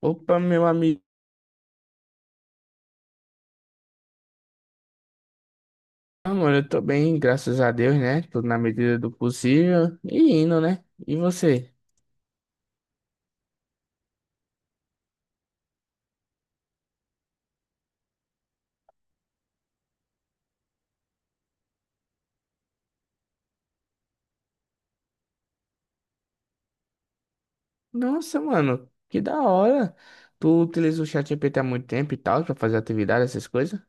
Opa, meu amigo, amor, eu tô bem, graças a Deus, né? Tudo na medida do possível e indo, né? E você? Nossa, mano, que da hora. Tu utiliza o ChatGPT há muito tempo e tal, pra fazer atividade, essas coisas?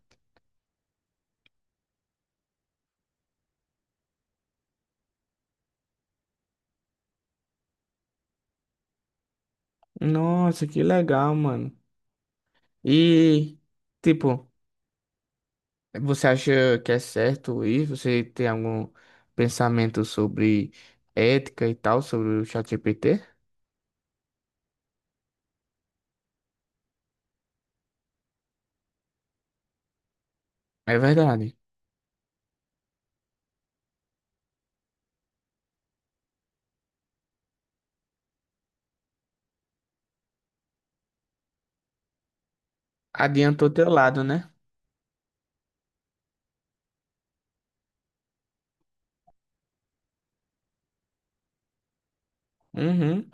Nossa, que legal, mano. E, tipo, Você acha que é certo isso? Você tem algum pensamento sobre ética e tal, sobre o ChatGPT? É verdade. Adiantou teu lado, né? Uhum.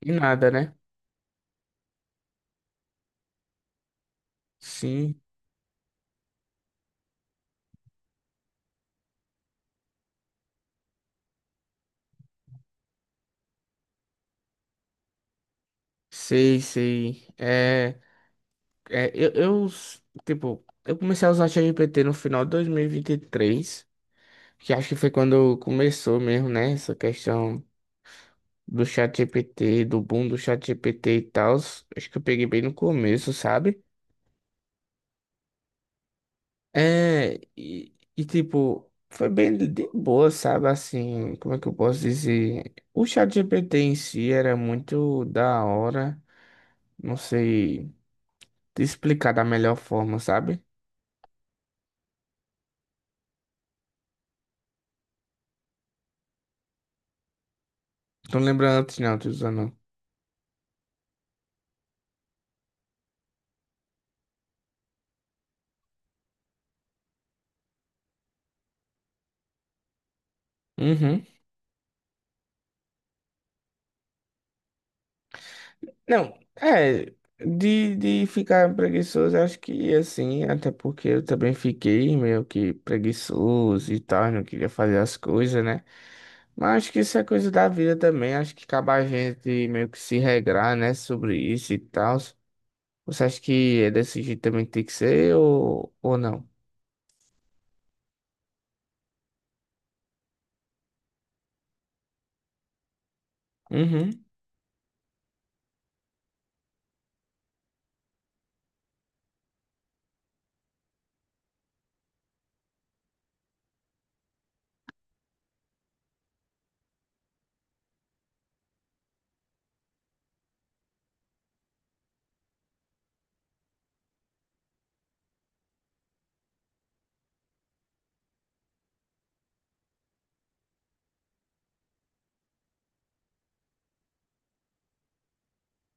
E nada, né? Sim. Sei, sei. Eu comecei a usar ChatGPT no final de 2023, que acho que foi quando começou mesmo, né, essa questão do ChatGPT, do boom do ChatGPT e tal. Acho que eu peguei bem no começo, sabe? Foi bem de boa, sabe? Assim, como é que eu posso dizer? O ChatGPT em si era muito da hora, não sei te explicar da melhor forma, sabe? Não lembro antes, não, tô usando. Uhum. Não, é. De ficar preguiçoso, acho que assim, até porque eu também fiquei meio que preguiçoso e tal, não queria fazer as coisas, né? Mas acho que isso é coisa da vida também, acho que acaba a gente meio que se regrar, né, sobre isso e tal. Você acha que é desse jeito também que tem que ser ou não? Uhum.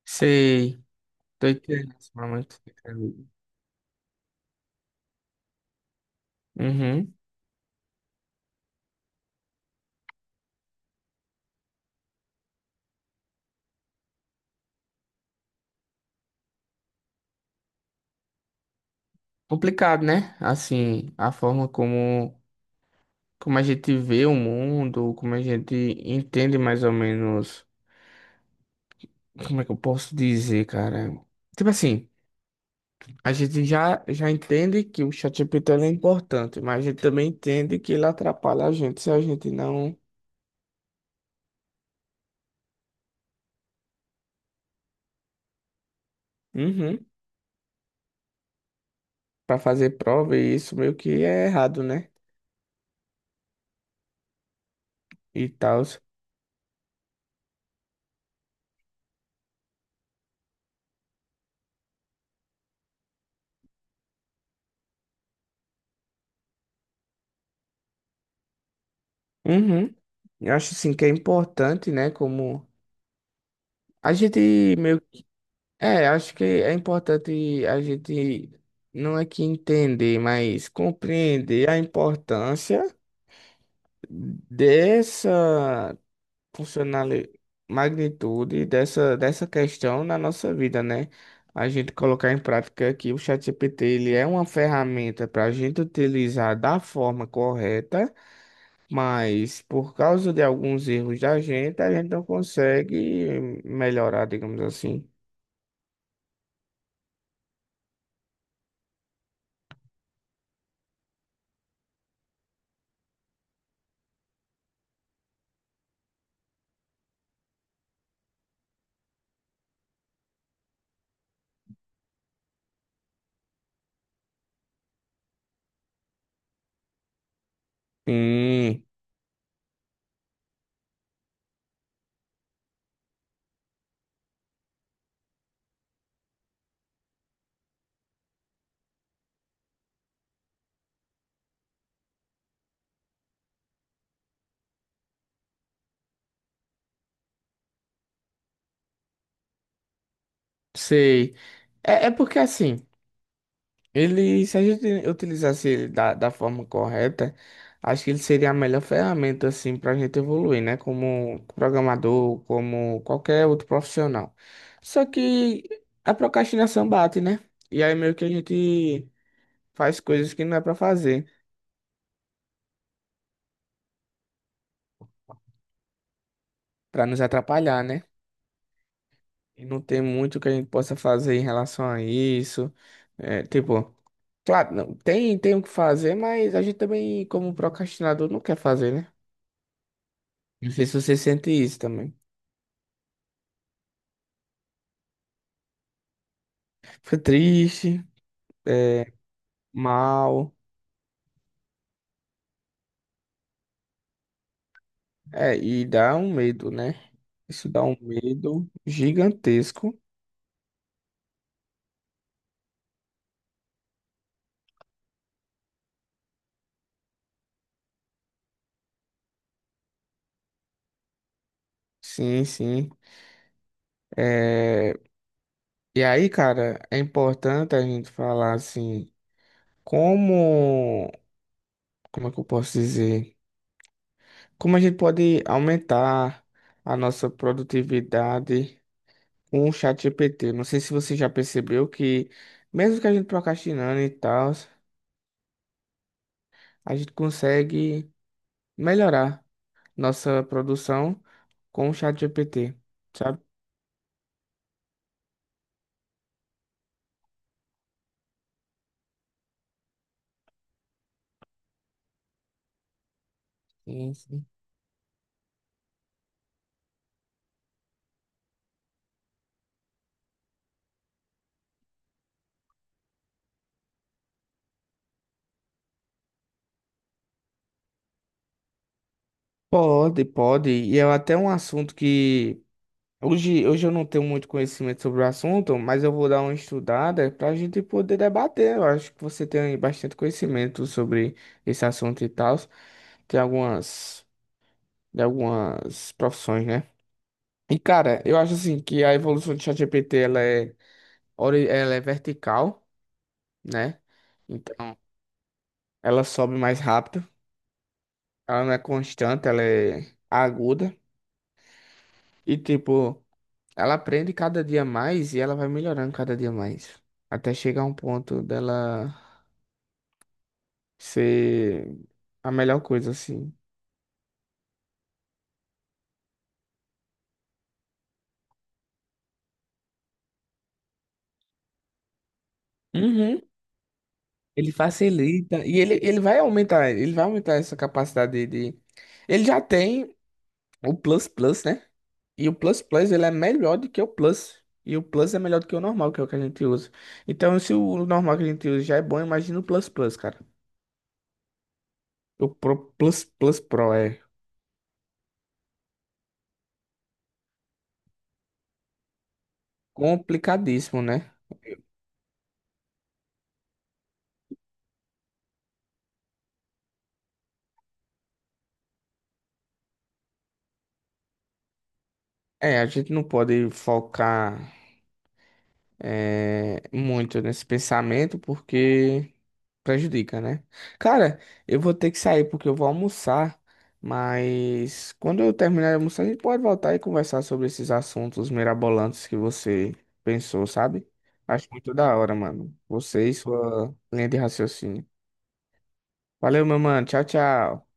Sei, tô entendendo esse momento. Uhum. Complicado, né? Assim, a forma como. Como a gente vê o mundo, como a gente entende mais ou menos, como é que eu posso dizer, cara? Tipo assim, a gente já entende que o ChatGPT ele é importante, mas a gente também entende que ele atrapalha a gente se a gente não, uhum, para fazer prova e isso meio que é errado, né? E tal. Uhum. Eu acho assim que é importante, né, como a gente meio. É, acho que é importante a gente não é que entender, mas compreender a importância dessa funcionalidade, magnitude dessa questão na nossa vida, né? A gente colocar em prática que o ChatGPT ele é uma ferramenta para a gente utilizar da forma correta, mas por causa de alguns erros da gente, a gente não consegue melhorar, digamos assim. Sim. Sei. É, é porque assim, ele, se a gente utilizasse ele da forma correta, acho que ele seria a melhor ferramenta assim para a gente evoluir, né? Como programador, como qualquer outro profissional. Só que a procrastinação bate, né? E aí meio que a gente faz coisas que não é para fazer, para nos atrapalhar, né? E não tem muito que a gente possa fazer em relação a isso. É, tipo. Claro, não, tem o que fazer, mas a gente também, como procrastinador, não quer fazer, né? Não sei se você sente isso também. Fica triste, é, mal, é, e dá um medo, né? Isso dá um medo gigantesco. Sim, sim. É, e aí, cara, é importante a gente falar assim, como, como é que eu posso dizer? Como a gente pode aumentar a nossa produtividade com o chat ChatGPT. Não sei se você já percebeu que, mesmo que a gente procrastinando e tal, a gente consegue melhorar nossa produção com o ChatGPT, sabe? Sim, sim. Pode, pode. E é até um assunto que hoje eu não tenho muito conhecimento sobre o assunto, mas eu vou dar uma estudada para a gente poder debater. Eu acho que você tem bastante conhecimento sobre esse assunto e tal. Tem algumas, de algumas profissões, né? E, cara, eu acho assim que a evolução do ChatGPT ela é vertical, né? Então, ela sobe mais rápido, ela não é constante, ela é aguda. E, tipo, ela aprende cada dia mais e ela vai melhorando cada dia mais. Até chegar a um ponto dela ser a melhor coisa, assim. Uhum. Ele facilita. E ele, ele vai aumentar essa capacidade de. Ele já tem o Plus Plus, né? E o Plus Plus, ele é melhor do que o Plus. E o Plus é melhor do que o normal, que é o que a gente usa. Então, se o normal que a gente usa já é bom, imagina o Plus Plus, cara. Plus Plus Pro é complicadíssimo, né? É, a gente não pode focar é, muito nesse pensamento porque prejudica, né? Cara, eu vou ter que sair porque eu vou almoçar, mas quando eu terminar de almoçar, a gente pode voltar e conversar sobre esses assuntos mirabolantes que você pensou, sabe? Acho muito da hora, mano. Você e sua linha de raciocínio. Valeu, meu mano. Tchau, tchau.